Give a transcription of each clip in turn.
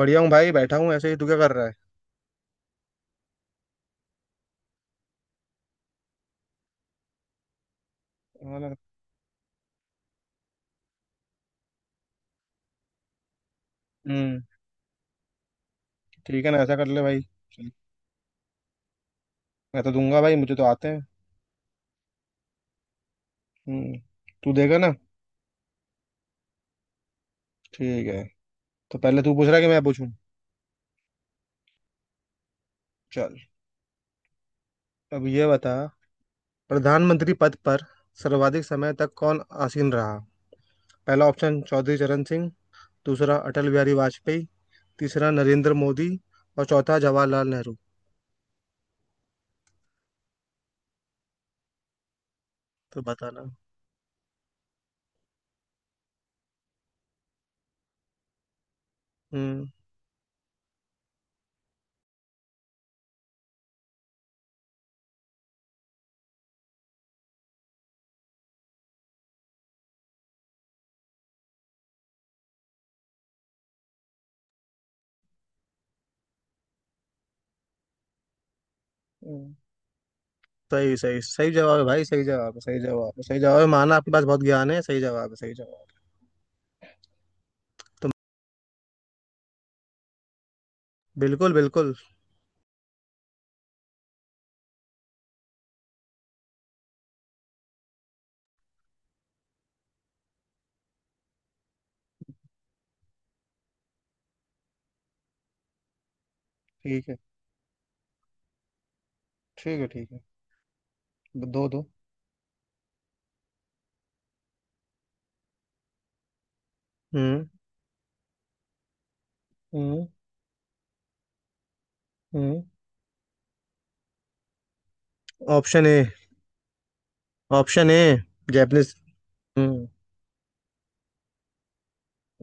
बढ़िया हूँ भाई, बैठा हूँ ऐसे ही। तू क्या कर रहा है? और? हम्म। ठीक है ना, ऐसा कर ले भाई। चल। मैं तो दूंगा भाई, मुझे तो आते हैं। हम्म। तू देगा ना? ठीक है। तो पहले तू पूछ रहा है कि मैं पूछूं? चल। अब ये बता, प्रधानमंत्री पद पर सर्वाधिक समय तक कौन आसीन रहा? पहला ऑप्शन चौधरी चरण सिंह। दूसरा अटल बिहारी वाजपेयी। तीसरा नरेंद्र मोदी। और चौथा जवाहरलाल नेहरू। तो बताना। हम्म। हम्म, सही सही सही जवाब है भाई। सही जवाब है। सही जवाब है। सही जवाब है। माना आपके पास बहुत ज्ञान है। सही जवाब है। सही जवाब है। बिल्कुल बिल्कुल। ठीक है। ठीक है ठीक है। दो दो। हम्म। हम्म। हम्म। Option A. Option A. Japanese. हम्म।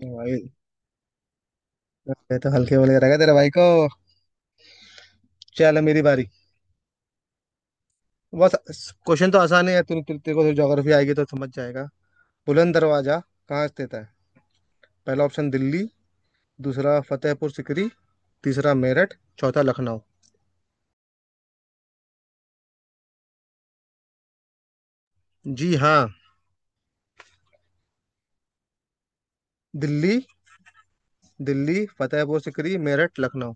भाई, ये तो हल्के वाले रहेगा तेरे भाई को। चल मेरी बारी। बस। क्वेश्चन तो आसान है, तेरे को ज्योग्राफी आएगी तो समझ जाएगा। बुलंद दरवाजा कहाँ स्थित है? पहला ऑप्शन दिल्ली। दूसरा फतेहपुर सिकरी। तीसरा मेरठ। चौथा लखनऊ। जी हाँ। दिल्ली। दिल्ली, फतेहपुर सिकरी, मेरठ, लखनऊ।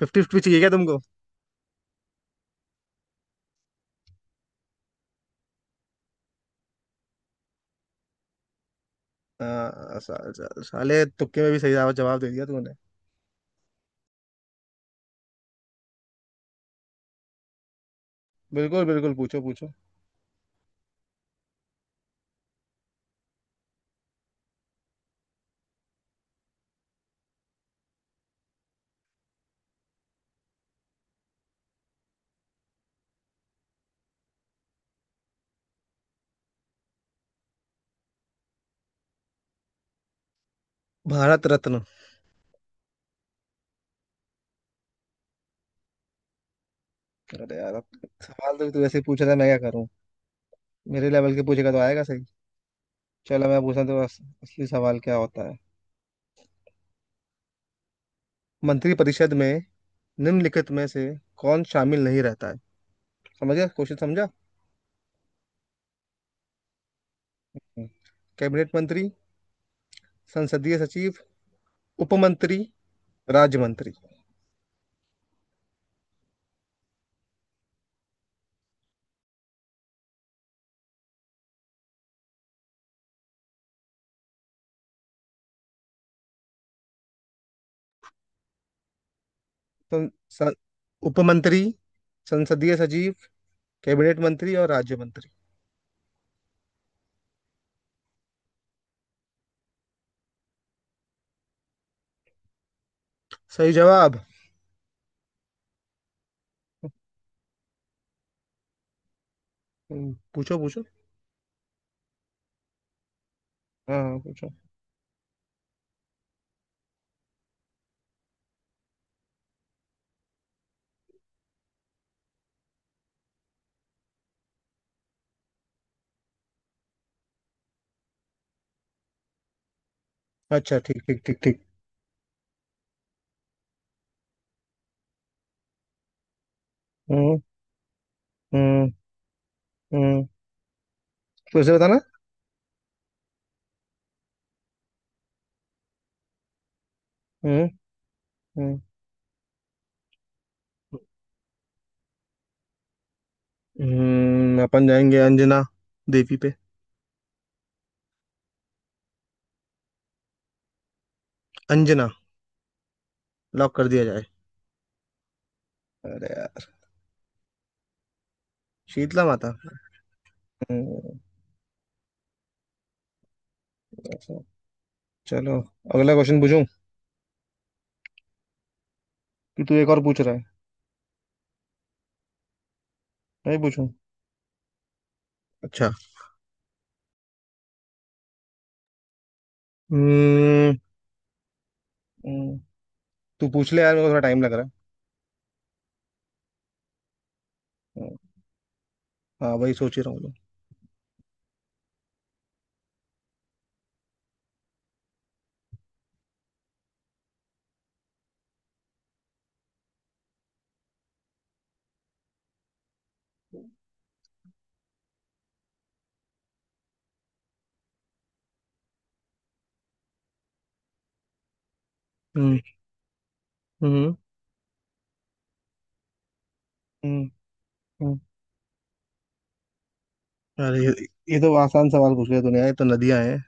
फिफ्टी फिफ्टी चाहिए क्या तुमको? हाँ, सा, सा, साले तुक्के में भी सही जवाब जवाब दे दिया तूने। बिल्कुल बिल्कुल। पूछो पूछो। भारत रत्न। अरे यार अब सवाल तो तू वैसे ही पूछ रहा है, मैं क्या करूं? मेरे लेवल के पूछेगा तो आएगा सही। चलो मैं पूछता हूं तो असली सवाल क्या होता है। मंत्री परिषद में निम्नलिखित में से कौन शामिल नहीं रहता है? समझ गया? क्वेश्चन समझा? हम्म। कैबिनेट मंत्री। संसदीय सचिव। उप मंत्री। राज्य मंत्री। तो स- उप मंत्री, संसदीय सचिव, कैबिनेट मंत्री और राज्य मंत्री। सही जवाब। पूछो पूछो। हाँ हाँ, पूछो। अच्छा, ठीक ठीक ठीक ठीक। हम्म। हम्म। हम्म। फिर से बताना। हम्म। हम्म। अपन जाएंगे अंजना देवी पे। अंजना। लॉक कर दिया जाए। अरे यार। शीतला माता। हम्म। अच्छा। चलो। अगला क्वेश्चन पूछूं, कि तू एक और पूछ रहा है? मैं ही पूछूं। अच्छा। हम्म। हम्म, तू पूछ ले यार, मेरे को थोड़ा टाइम लग रहा है। हम्म, हाँ, वही सोच ही रहा हूँ मैं। हम्म। हम्म। हम्म। हम्म, अरे ये तो आसान सवाल पूछ लिया तूने यार, ये तो नदियां हैं।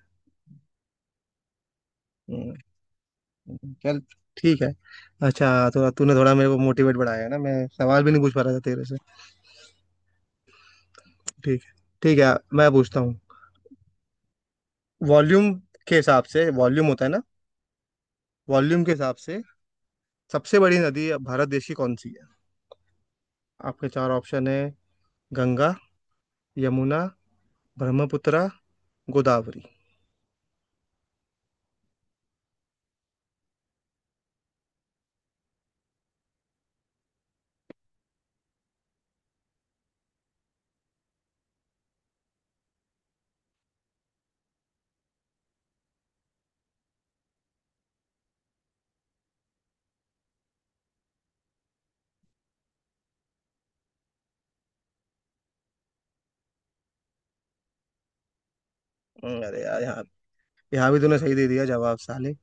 हम्म, चल ठीक है। अच्छा, थोड़ा तूने थोड़ा मेरे को मोटिवेट बढ़ाया है ना, मैं सवाल भी नहीं पूछ पा रहा था तेरे से। ठीक है। ठीक है, मैं पूछता हूँ। वॉल्यूम के हिसाब से, वॉल्यूम होता है ना। वॉल्यूम के हिसाब से सबसे बड़ी नदी भारत देश की कौन सी है? आपके चार ऑप्शन है। गंगा। यमुना। ब्रह्मपुत्र। गोदावरी। अरे यार, यहाँ यहाँ भी तूने सही दे दिया जवाब साले।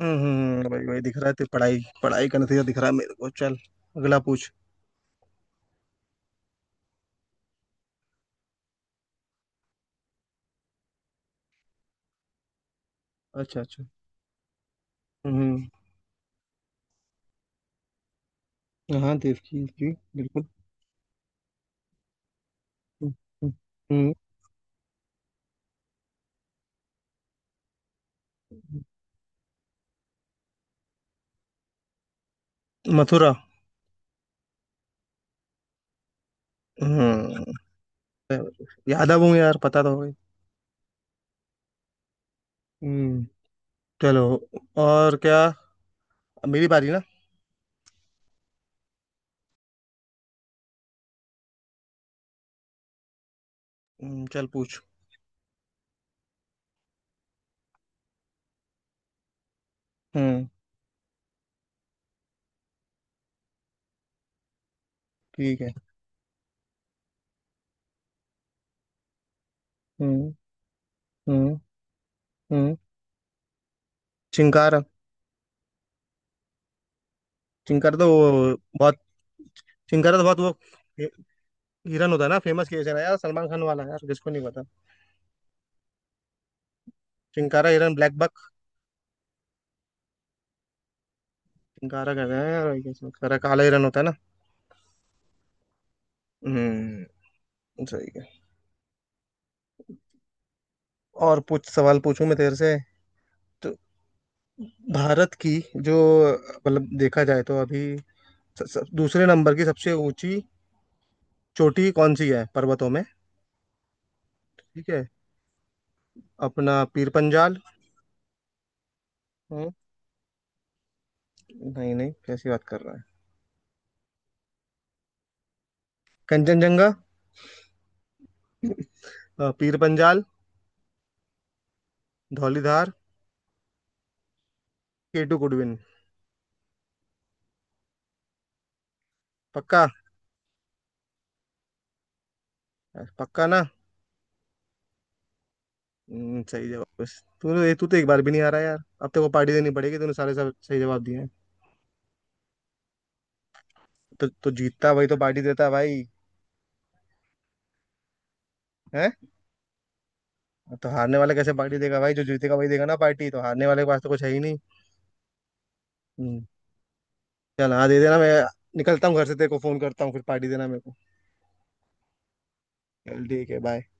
हम्म। भाई भाई, दिख रहा है, तेरी पढ़ाई पढ़ाई का नतीजा दिख रहा है मेरे को। चल अगला पूछ। अच्छा अच्छा। हम्म। हाँ, देव की जी बिल्कुल। हम्म। हम्म, मथुरा। हम्म। याद आ गई यार, पता तो हो गई। हम्म। चलो। और क्या। अब मेरी बारी ना? चल पूछ। हम्म। ठीक है। हम्म। हम्म। हम्म। चिंकारा। चिंकारा तो वो बहुत चिंकारा तो बहुत वो, हि- हिरन होता है ना। फेमस केस है ना यार, सलमान खान वाला, यार जिसको नहीं पता। चिंकारा, हिरन, ब्लैक बक। चिंकारा कहते हैं यार, I guess, उसका काला हिरन होता है ना। हम्म। सही है। और पूछ। सवाल पूछूं मैं तेरे से? भारत की जो, मतलब देखा जाए तो अभी, स, स, दूसरे नंबर की सबसे ऊंची चोटी कौन सी है पर्वतों में? ठीक है। अपना पीर पंजाल। हम्म, नहीं नहीं, कैसी बात कर रहा है? कंचनजंगा। पीर पंजाल। धौलीधार। केटू कुडविन। पक्का? यार, पक्का ना? सही जवाब। बस तू तो, तू तो एक बार भी नहीं आ रहा यार। अब तेरे को पार्टी देनी पड़ेगी, तूने सारे सब सही जवाब दिए हैं। तो जीतता वही तो पार्टी देता है भाई। है। तो हारने वाला कैसे पार्टी देगा भाई? जो जीतेगा वही देगा ना पार्टी, तो हारने वाले के पास तो कुछ है ही नहीं। हम्म, चल, हाँ दे देना। मैं निकलता हूँ घर से, तेरे को फोन करता हूँ, फिर पार्टी देना मेरे को। चल ठीक है, बाय।